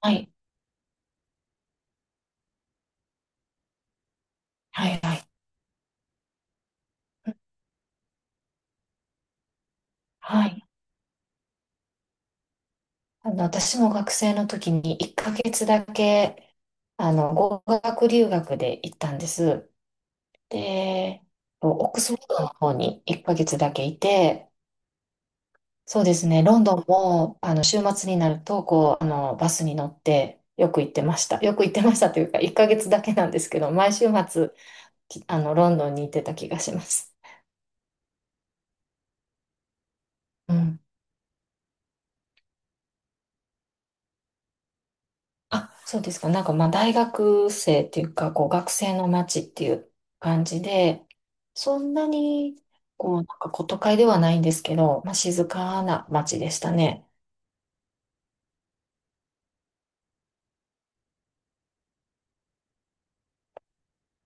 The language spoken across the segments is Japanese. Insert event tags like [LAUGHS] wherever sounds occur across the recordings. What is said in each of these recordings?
はい。はい、はい。はい。私も学生の時に1ヶ月だけ、語学留学で行ったんです。で、オックスフォードの方に1ヶ月だけいて、そうですね、ロンドンも、週末になると、こう、バスに乗って、よく行ってました。よく行ってましたというか、1ヶ月だけなんですけど、毎週末、きあの、ロンドンに行ってた気がします。うん。あ、そうですか。なんかまあ大学生っていうか、こう学生の街っていう感じで、そんなに、こう、なんかこう都会ではないんですけど、まあ静かな街でしたね。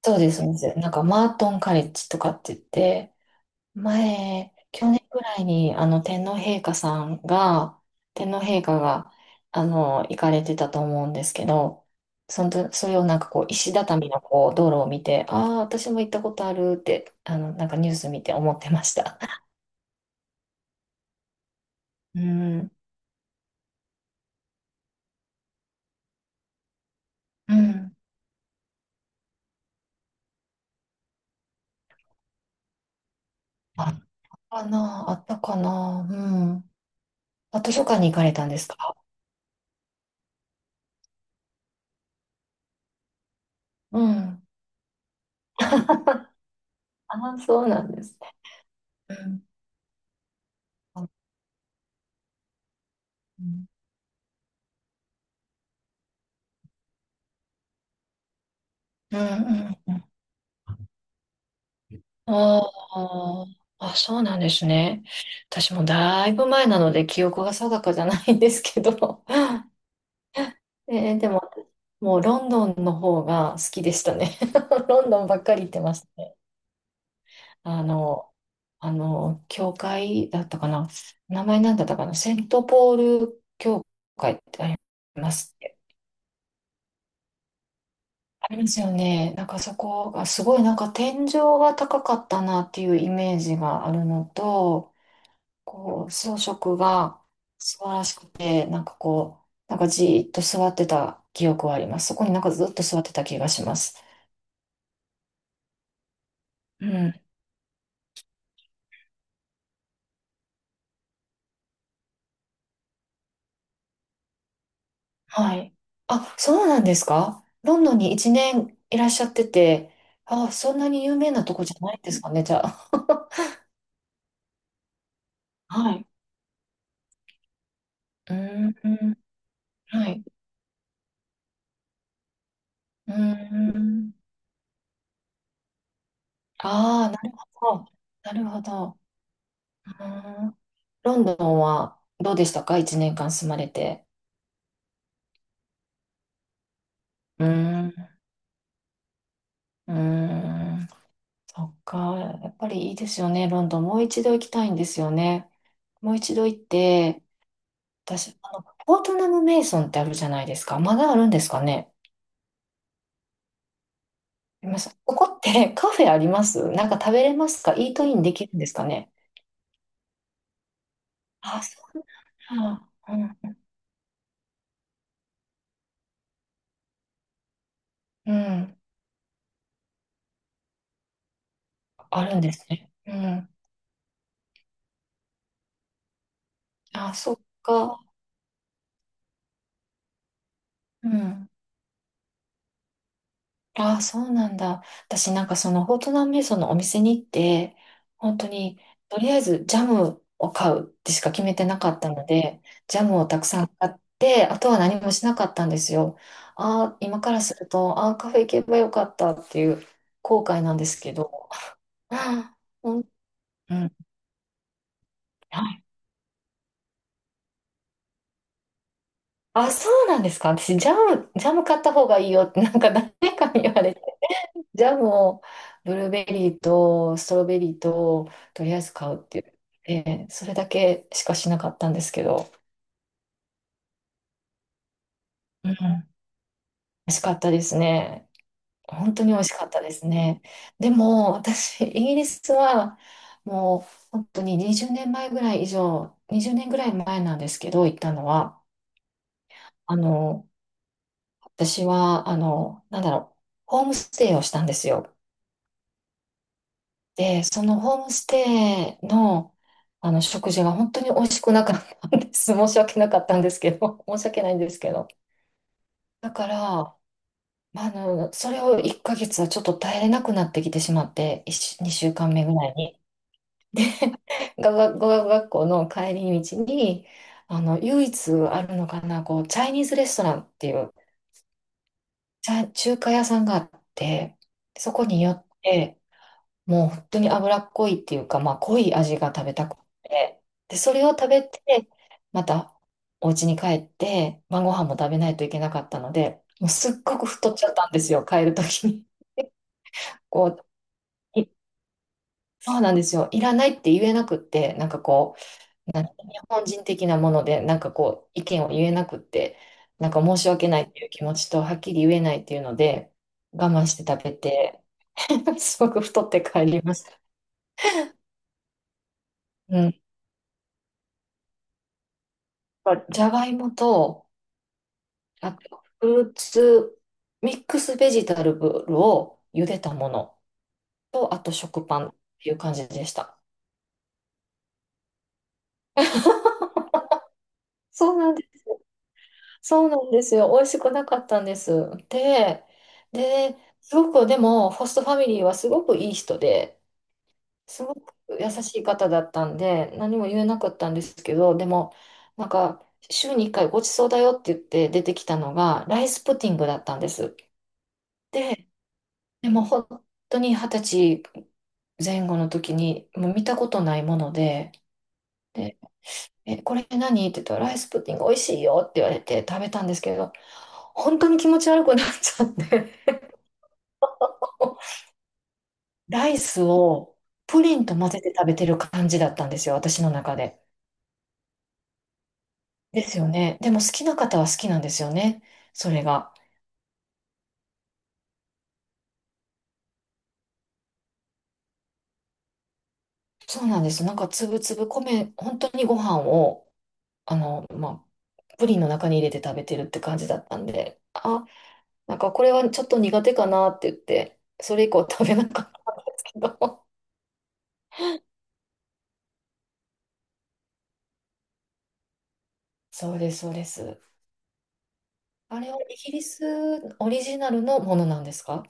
そうです、そうです。なんかマートンカレッジとかって言って、前、去年くらいに、天皇陛下が、行かれてたと思うんですけど、そのと、それをなんかこう、石畳のこう、道路を見て、ああ、私も行ったことあるって、なんかニュース見て思ってました。[LAUGHS] うん。うん。あったかな、あったかな。うん。あ、図書館に行かれたんですか？うん。ああ、そうなんですね。うん。うんうんうん。ああ、あ、そうなんですね。私もだいぶ前なので記憶が定かじゃないんですけど、[LAUGHS] でも、もうロンドンの方が好きでしたね。[LAUGHS] ロンドンばっかり行ってましたね。あの、教会だったかな。名前なんだったかな。セントポール教会ってありますっけ。ありますよね。なんかそこがすごいなんか天井が高かったなっていうイメージがあるのと、こう、装飾が素晴らしくて、なんかこう、なんかじーっと座ってた記憶はあります。そこになんかずっと座ってた気がします。うん。はい。あ、そうなんですか？ロンドンに一年いらっしゃってて、あ、そんなに有名なとこじゃないんですかね、じゃあ。[LAUGHS] はい。うーん。はい。うーん。ああ、なるほど。なるほど。うーん。ロンドンはどうでしたか？一年間住まれて。うーん。うーん。そっか、やっぱりいいですよね、ロンドン。もう一度行きたいんですよね。もう一度行って、私、ポートナム・メイソンってあるじゃないですか。まだあるんですかね。あります。ここって [LAUGHS] カフェあります？なんか食べれますか？イートインできるんですかね。あ、そうなん。うん。うん。あるんですね。うん。あ、そっか。うん。ああ、そうなんだ。私なんかそのフォートナンメイソンのお店に行って、本当にとりあえずジャムを買うってしか決めてなかったので、ジャムをたくさん買って、あとは何もしなかったんですよ。ああ、今からすると、ああ、カフェ行けばよかったっていう後悔なんですけど。ああ、うん、うん。はい。あ、そうなんですか。私、ジャム買った方がいいよって、なんか誰かに言われてジャムをブルーベリーとストロベリーととりあえず買うって言って、それだけしかしなかったんですけど、うん、美味しかったですね。本当に美味しかったですね。でも私、イギリスはもう本当に20年前ぐらい以上、20年ぐらい前なんですけど、行ったのは、あの、私は、なんだろう、ホームステイをしたんですよ。で、そのホームステイの、食事が本当に美味しくなかったんです。[LAUGHS] 申し訳なかったんですけど、[LAUGHS] 申し訳ないんですけど。だから、まあ、それを1ヶ月はちょっと耐えれなくなってきてしまって、2週間目ぐらいに。[LAUGHS] 語学学校の帰り道に、唯一あるのかな、こう、チャイニーズレストランっていう、中華屋さんがあって、そこに寄って、もう本当に脂っこいっていうか、まあ、濃い味が食べたくて、で、それを食べて、またお家に帰って、晩ご飯も食べないといけなかったので、もうすっごく太っちゃったんですよ、帰るときに。[LAUGHS] こう、いそうなんですよ、いらないって言えなくって、なんかこう、日本人的なもので、なんかこう、意見を言えなくって、なんか申し訳ないっていう気持ちと、はっきり言えないっていうので、我慢して食べて、[LAUGHS] すごく太って帰りました。うん。じゃがいもと、あと、フルーツ、ミックスベジタルブルを茹でたものと、あと食パンっていう感じでした。[LAUGHS] そうなんです。そうなんですよ。美味しくなかったんです。で、で、すごく、でも、ホストファミリーはすごくいい人で、すごく優しい方だったんで、何も言えなかったんですけど、でも、なんか、週に1回ごちそうだよって言って出てきたのが、ライスプディングだったんです。で、でも本当に20歳前後の時に、もう見たことないもので、で、え、これ何って言ったら、ライスプッディング美味しいよって言われて食べたんですけど、本当に気持ち悪くなっちゃって、[LAUGHS] ライスをプリンと混ぜて食べてる感じだったんですよ、私の中で。ですよね。でも好きな方は好きなんですよね、それが。そうなんです。なんかつぶつぶ米、本当にご飯を、まあ、プリンの中に入れて食べてるって感じだったんで、あなんかこれはちょっと苦手かなって言って、それ以降食べなかったけど。[LAUGHS] そうです、そうです。あれはイギリスオリジナルのものなんですか？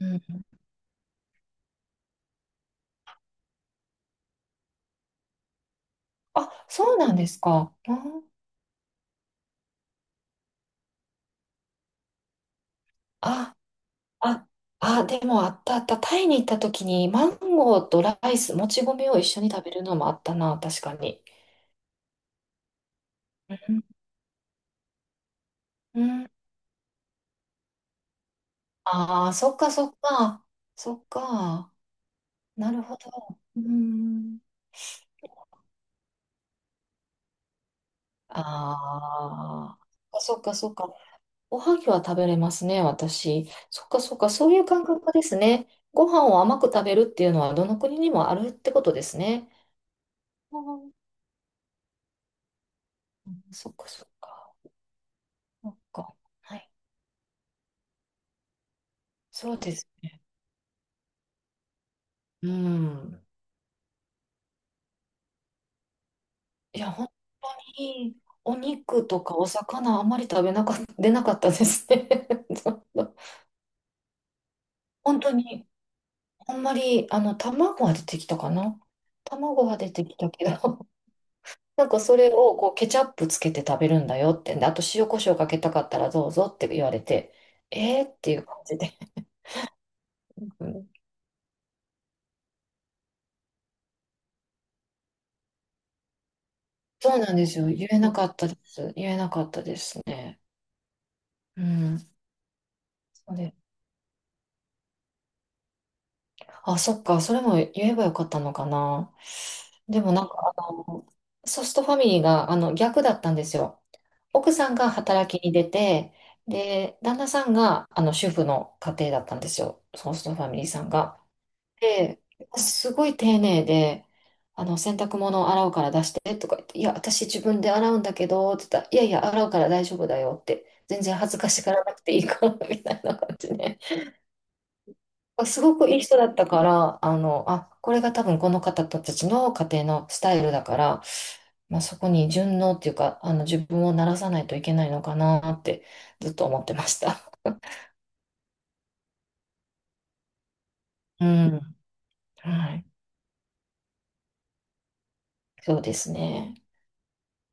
うん。あ、そうなんですか。うん。あ、あ、あ、でもあったあった。タイに行った時にマンゴーとライス、もち米を一緒に食べるのもあったな、確かに。うん。うん。ああ、そっかそっか。そっか。なるほど。うん。ああ。そっかそっか。おはぎは食べれますね、私。そっかそっか、そういう感覚ですね。ご飯を甘く食べるっていうのはどの国にもあるってことですね。あー、そっかそっか。そっか。はい。そうです。うん。いや、本当にお肉とかお魚あんまり食べなかっ出なかったですね。[LAUGHS] ちょっと本当に、あんまり、卵は出てきたかな。卵は出てきたけど、なんかそれをこうケチャップつけて食べるんだよってんで、あと塩コショウかけたかったらどうぞって言われて、えーっていう感じで。うん。そうなんですよ。言えなかったです。言えなかったですね。うん。そうで、あ、そっか。それも言えばよかったのかな。でもなんかソストファミリーが逆だったんですよ。奥さんが働きに出て、で、旦那さんが主婦の家庭だったんですよ。ソーストファミリーさんが。で、すごい丁寧で、洗濯物を洗うから出してとか言って、いや、私自分で洗うんだけど、って言ったら、いやいや、洗うから大丈夫だよって、全然恥ずかしがらなくていいから、みたいな感じで。すごくいい人だったから、あ、これが多分この方たちの家庭のスタイルだから、まあ、そこに順応っていうか、自分を慣らさないといけないのかなってずっと思ってました。うん。はい。そうですね。